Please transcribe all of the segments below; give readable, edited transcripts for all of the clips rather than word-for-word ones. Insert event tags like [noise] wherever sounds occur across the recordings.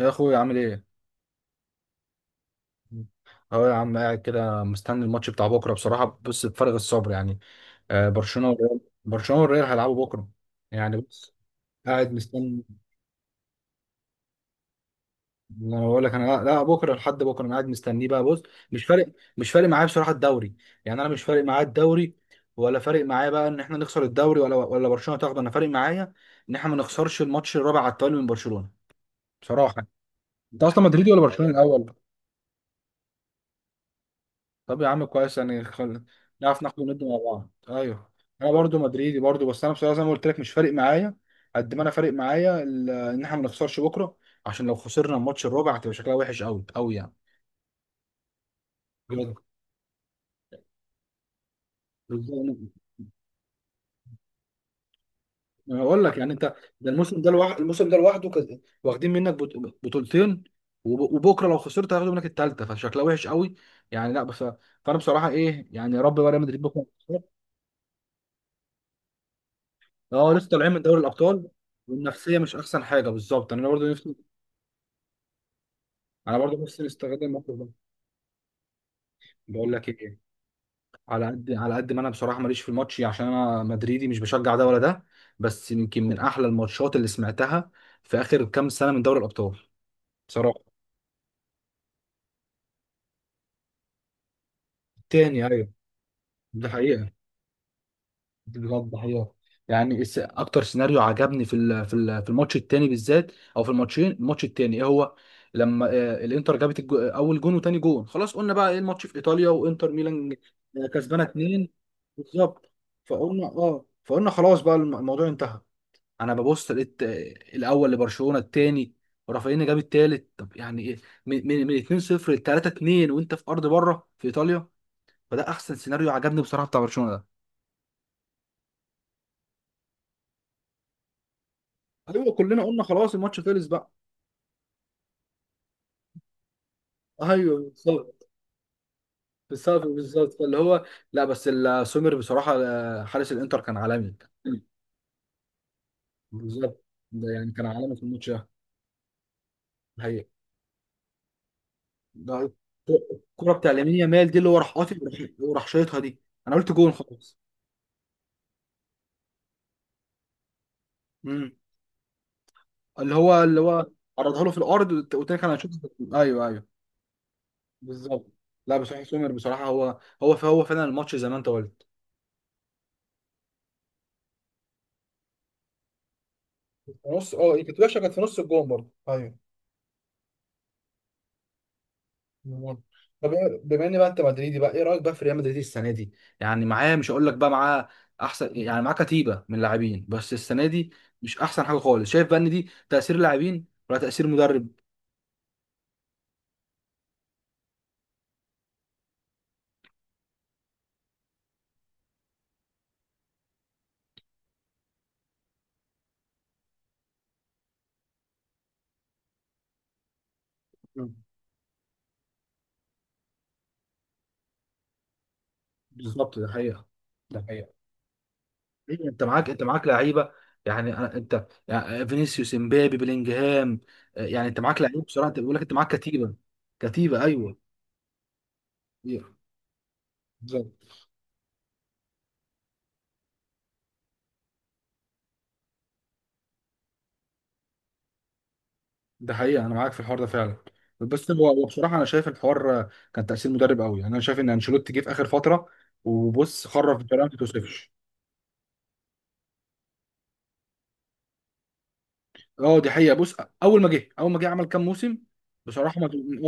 يا اخويا عامل ايه؟ اهو يا عم قاعد كده مستني الماتش بتاع بكره، بصراحه بص بفارغ الصبر يعني. برشلونه والريال هيلعبوا بكره. يعني بص قاعد مستني. انا بقول لك انا لا بكره، لحد بكره انا قاعد مستنيه بقى. بص مش فارق مش فارق معايا بصراحه الدوري. يعني انا مش فارق معايا الدوري، ولا فارق معايا بقى ان احنا نخسر الدوري ولا برشلونه تاخده. انا فارق معايا ان احنا ما نخسرش الماتش الرابع على التوالي من برشلونه بصراحه. انت اصلا مدريدي ولا برشلونه الاول؟ طب يا عم كويس، يعني نعرف ناخد وندي مع بعض. ايوه انا برضو مدريدي برضو، بس انا بصراحه زي ما قلت لك مش فارق معايا، قد ما انا فارق معايا ان احنا ما نخسرش بكره، عشان لو خسرنا الماتش الرابع هتبقى شكلها وحش قوي قوي يعني. بجد. بالظبط. انا بقول لك يعني انت، ده الموسم ده لوحده، واخدين منك بطولتين، وبكره لو خسرت هياخدوا منك الثالثه، فشكلها وحش قوي يعني. لا بس، فانا بصراحه ايه يعني، يا رب بقى ريال مدريد بكره ما تخسرش. اه لسه طالعين من دوري الابطال، والنفسيه مش احسن حاجه. بالظبط انا برضو، انا برضه نفسي نستغل الموقف ده. بقول لك ايه، على قد ما انا بصراحه ماليش في الماتش عشان انا مدريدي، مش بشجع ده ولا ده، بس يمكن من احلى الماتشات اللي سمعتها في اخر كام سنه من دوري الابطال بصراحه. تاني، ايوه ده حقيقه، بجد حقيقة. يعني اكتر سيناريو عجبني في الماتش التاني بالذات، او في الماتشين، الماتش التاني ايه هو، لما الانتر جابت اول جون وتاني جون، خلاص قلنا بقى ايه الماتش في ايطاليا وانتر ميلان كسبانه اتنين. بالظبط. فقلنا خلاص بقى الموضوع انتهى. انا ببص لقيت الاول لبرشلونه، التاني ورافينيا جاب التالت، طب يعني ايه؟ من 2-0 ل 3-2 وانت في ارض بره في ايطاليا، فده احسن سيناريو عجبني بصراحه بتاع برشلونه. ايوه كلنا قلنا خلاص الماتش خلص بقى. ايوه بالظبط. بالظبط فاللي هو لا بس سومر بصراحه، حارس الانتر كان عالمي. بالظبط. ده يعني كان عالمي في الماتش ده. الحقيقه ده. الكوره بتاع لامين يامال دي، اللي هو راح قاطع وراح شايطها دي، انا قلت جون خلاص. امم اللي هو عرضها له في الارض، والتاني كان هيشوط. ايوه. بالظبط. لا بصراحه سومر بصراحه هو فعلا الماتش زي ما انت قلت. في نص، اه كانت وحشه، كانت في نص الجون برضه، ايوه. مم. طب بما ان بقى انت مدريدي بقى، ايه رايك بقى في ريال مدريد السنه دي؟ يعني معاه، مش هقول لك بقى معاه احسن، يعني معاه كتيبه من لاعبين، بس السنه دي مش احسن حاجه خالص. شايف بقى ان دي تاثير لاعبين ولا تاثير مدرب؟ مم. بالظبط ده حقيقه. ده حقيقه. إيه، انت معاك لعيبه، يعني انت يعني فينيسيوس، امبابي، بلينجهام، يعني انت معاك لعيب بصراحه. انت بيقول لك انت معاك كتيبه، كتيبه ايوه. إيه. ده حقيقة، أنا معاك في الحوار ده فعلا. بس هو هو بصراحة أنا شايف الحوار كان تأثير مدرب قوي، يعني أنا شايف إن أنشيلوتي جه في آخر فترة وبص خرف بطريقة ما تتوصفش. أه دي حقيقة، بص أول ما جه عمل كام موسم بصراحة، ما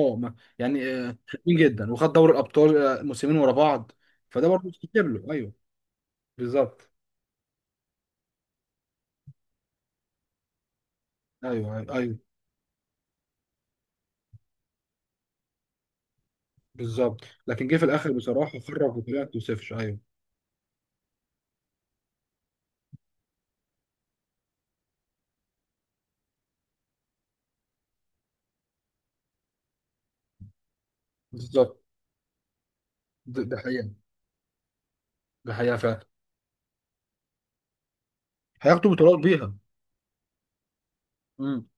أه يعني حلوين جدا، وخد دوري الأبطال موسمين ورا بعض، فده برضه استجاب له. أيوه بالظبط. أيوه، بالظبط. لكن جه في الآخر بصراحة خرف بطريقة ما تتوصفش، أيوه بالظبط. ده حقيقة. ده حقيقة فعلا، هياخدوا بطولات بيها. امم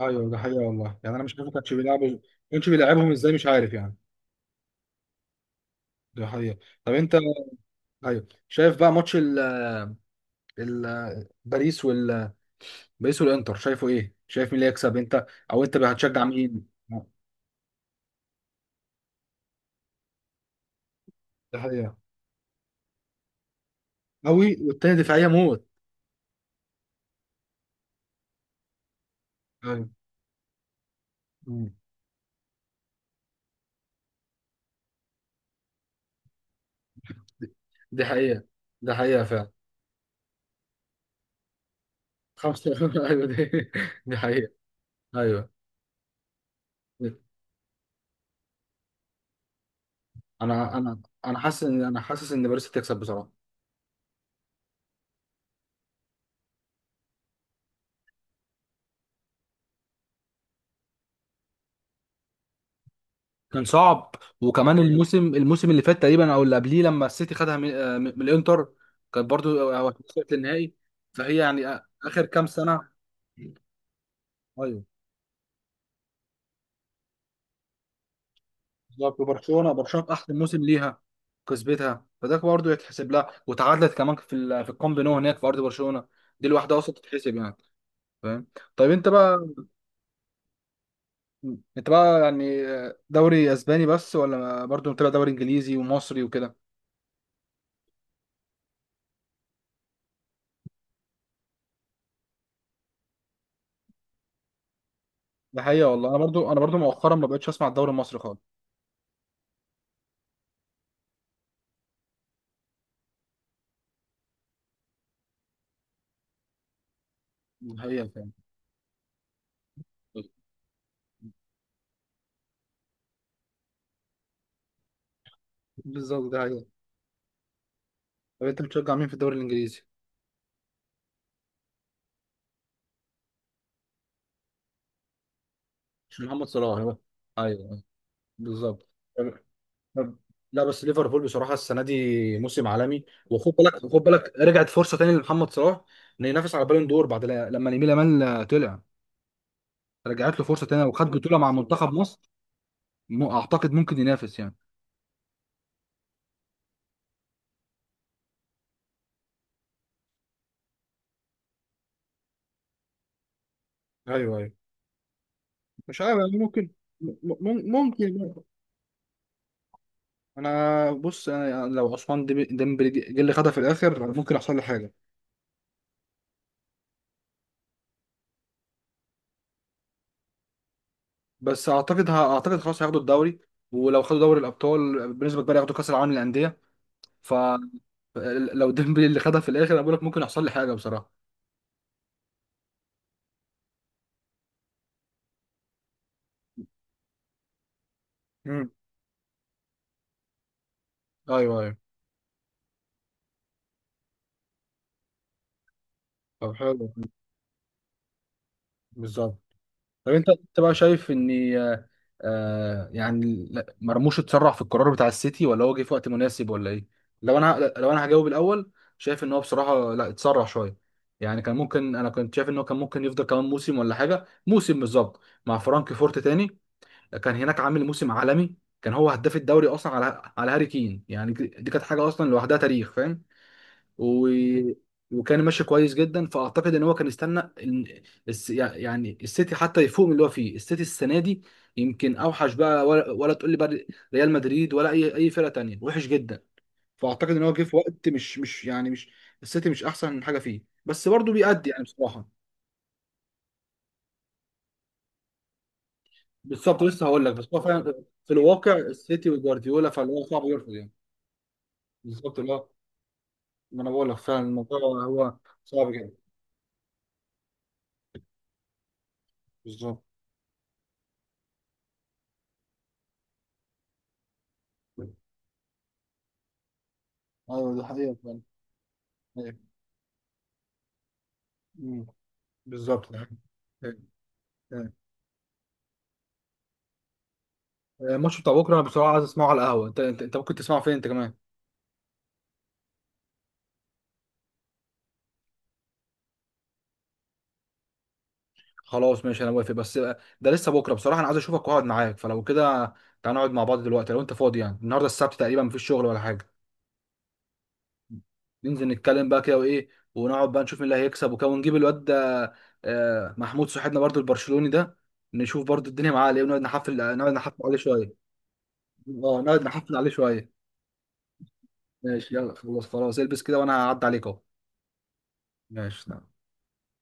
ايوه ده حقيقة والله. يعني انا مش عارف ما كانش بيلعبهم ازاي مش عارف يعني. ده حقيقة. طب انت ايوه، شايف بقى ماتش ال ال باريس باريس والانتر، شايفه ايه؟ شايف مين اللي يكسب انت، او انت هتشجع مين؟ ده حقيقة. قوي والتاني دفاعية موت. ايوه. مم. دي حقيقة. ده حقيقة فعلا. خمسة [laughs] ايوه دي، دي حقيقة. ايوه. انا حاسس ان انا حاسس ان باريس هتكسب بصراحة. كان صعب. وكمان مم. الموسم اللي فات تقريبا، او اللي قبليه، لما السيتي خدها من الانتر، كانت برضو وصلت للنهائي، فهي يعني اخر كام سنه. ايوه بالظبط. وبرشلونه، برشلونه في احسن موسم ليها كسبتها، فده برضو يتحسب لها. وتعادلت كمان في الكامب نو هناك في ارض برشلونه، دي الواحده اصلا تتحسب يعني. فاهم. طيب انت بقى، يعني دوري اسباني بس، ولا برضو متابع دوري انجليزي ومصري وكده؟ ده حقيقه والله. انا برضو، مؤخرا ما بقتش اسمع الدوري المصري خالص. ده حقيقه. بالظبط ده حقيقة. طب انت بتشجع مين في الدوري الانجليزي؟ مش محمد صلاح هو؟ ايوه بالظبط. طب- طب- لا بس ليفربول بصراحه السنه دي موسم عالمي. وخد بالك، خد بالك رجعت فرصه تاني لمحمد صلاح انه ينافس على بالون دور، بعد لما لامين يامال طلع، رجعت له فرصه تانيه، وخد بطوله مع منتخب مصر. اعتقد ممكن ينافس يعني. ايوه ايوه. مش عارف يعني، ممكن، ممكن. انا بص، انا لو عثمان ديمبلي جه اللي خدها في الاخر ممكن يحصل لي حاجة. بس اعتقد اعتقد خلاص هياخدوا الدوري، ولو خدوا دوري الابطال بنسبه كبيره ياخدوا كاس العالم للانديه، ف، لو [laughs] ديمبلي اللي خدها في الاخر انا بقول لك ممكن يحصل لي حاجه بصراحه. مم. ايوه ايوه. طب حلو. بالظبط. طب انت انت بقى شايف ان، آه يعني مرموش اتسرع في القرار بتاع السيتي، ولا هو جه في وقت مناسب، ولا ايه؟ لو انا، هجاوب الاول، شايف ان هو بصراحه لا اتسرع شويه، يعني كان ممكن، انا كنت شايف ان هو كان ممكن يفضل كمان موسم ولا حاجه. موسم بالظبط مع فرانك فورت تاني، كان هناك عامل موسم عالمي، كان هو هداف الدوري اصلا على هاري كين، يعني دي كانت حاجه اصلا لوحدها تاريخ فاهم. و... وكان ماشي كويس جدا، فاعتقد ان هو كان استنى يعني السيتي حتى يفوق من اللي هو فيه، السيتي السنه دي يمكن اوحش بقى، ولا تقول لي بقى ريال مدريد ولا اي فرقه تانية وحش جدا، فاعتقد ان هو جه في وقت مش، مش السيتي، مش احسن حاجه فيه، بس برضه بيأدي يعني بصراحه. بالظبط لسه هقول لك بس هو فعلا. في الواقع السيتي وجوارديولا، فاللي هو صعب يرفض يعني. بالظبط. لا ما انا بقول لك فعلا الموضوع هو صعب جدا. بالظبط. ايوه دي حقيقة فعلا. أيوة. أمم. بالظبط أيوة. أيوة. الماتش بتاع بكره انا بصراحه عايز اسمعه على القهوه. انت انت ممكن تسمعه فين انت كمان؟ خلاص ماشي انا موافق، بس ده لسه بكره بصراحه، انا عايز اشوفك واقعد معاك. فلو كده تعال نقعد مع بعض دلوقتي لو انت فاضي، يعني النهارده السبت تقريبا مفيش شغل ولا حاجه. ننزل نتكلم بقى كده وايه، ونقعد بقى نشوف مين اللي هيكسب وكده، ونجيب الواد ده محمود صاحبنا برضو البرشلوني ده، نشوف برضو الدنيه معاه على ايه، ونقعد نحفل، نقعد نحفل عليه شويه. اه نقعد نحفل عليه شويه. ماشي يلا خلاص، البس كده وانا هعدي عليك اهو. ماشي تمام.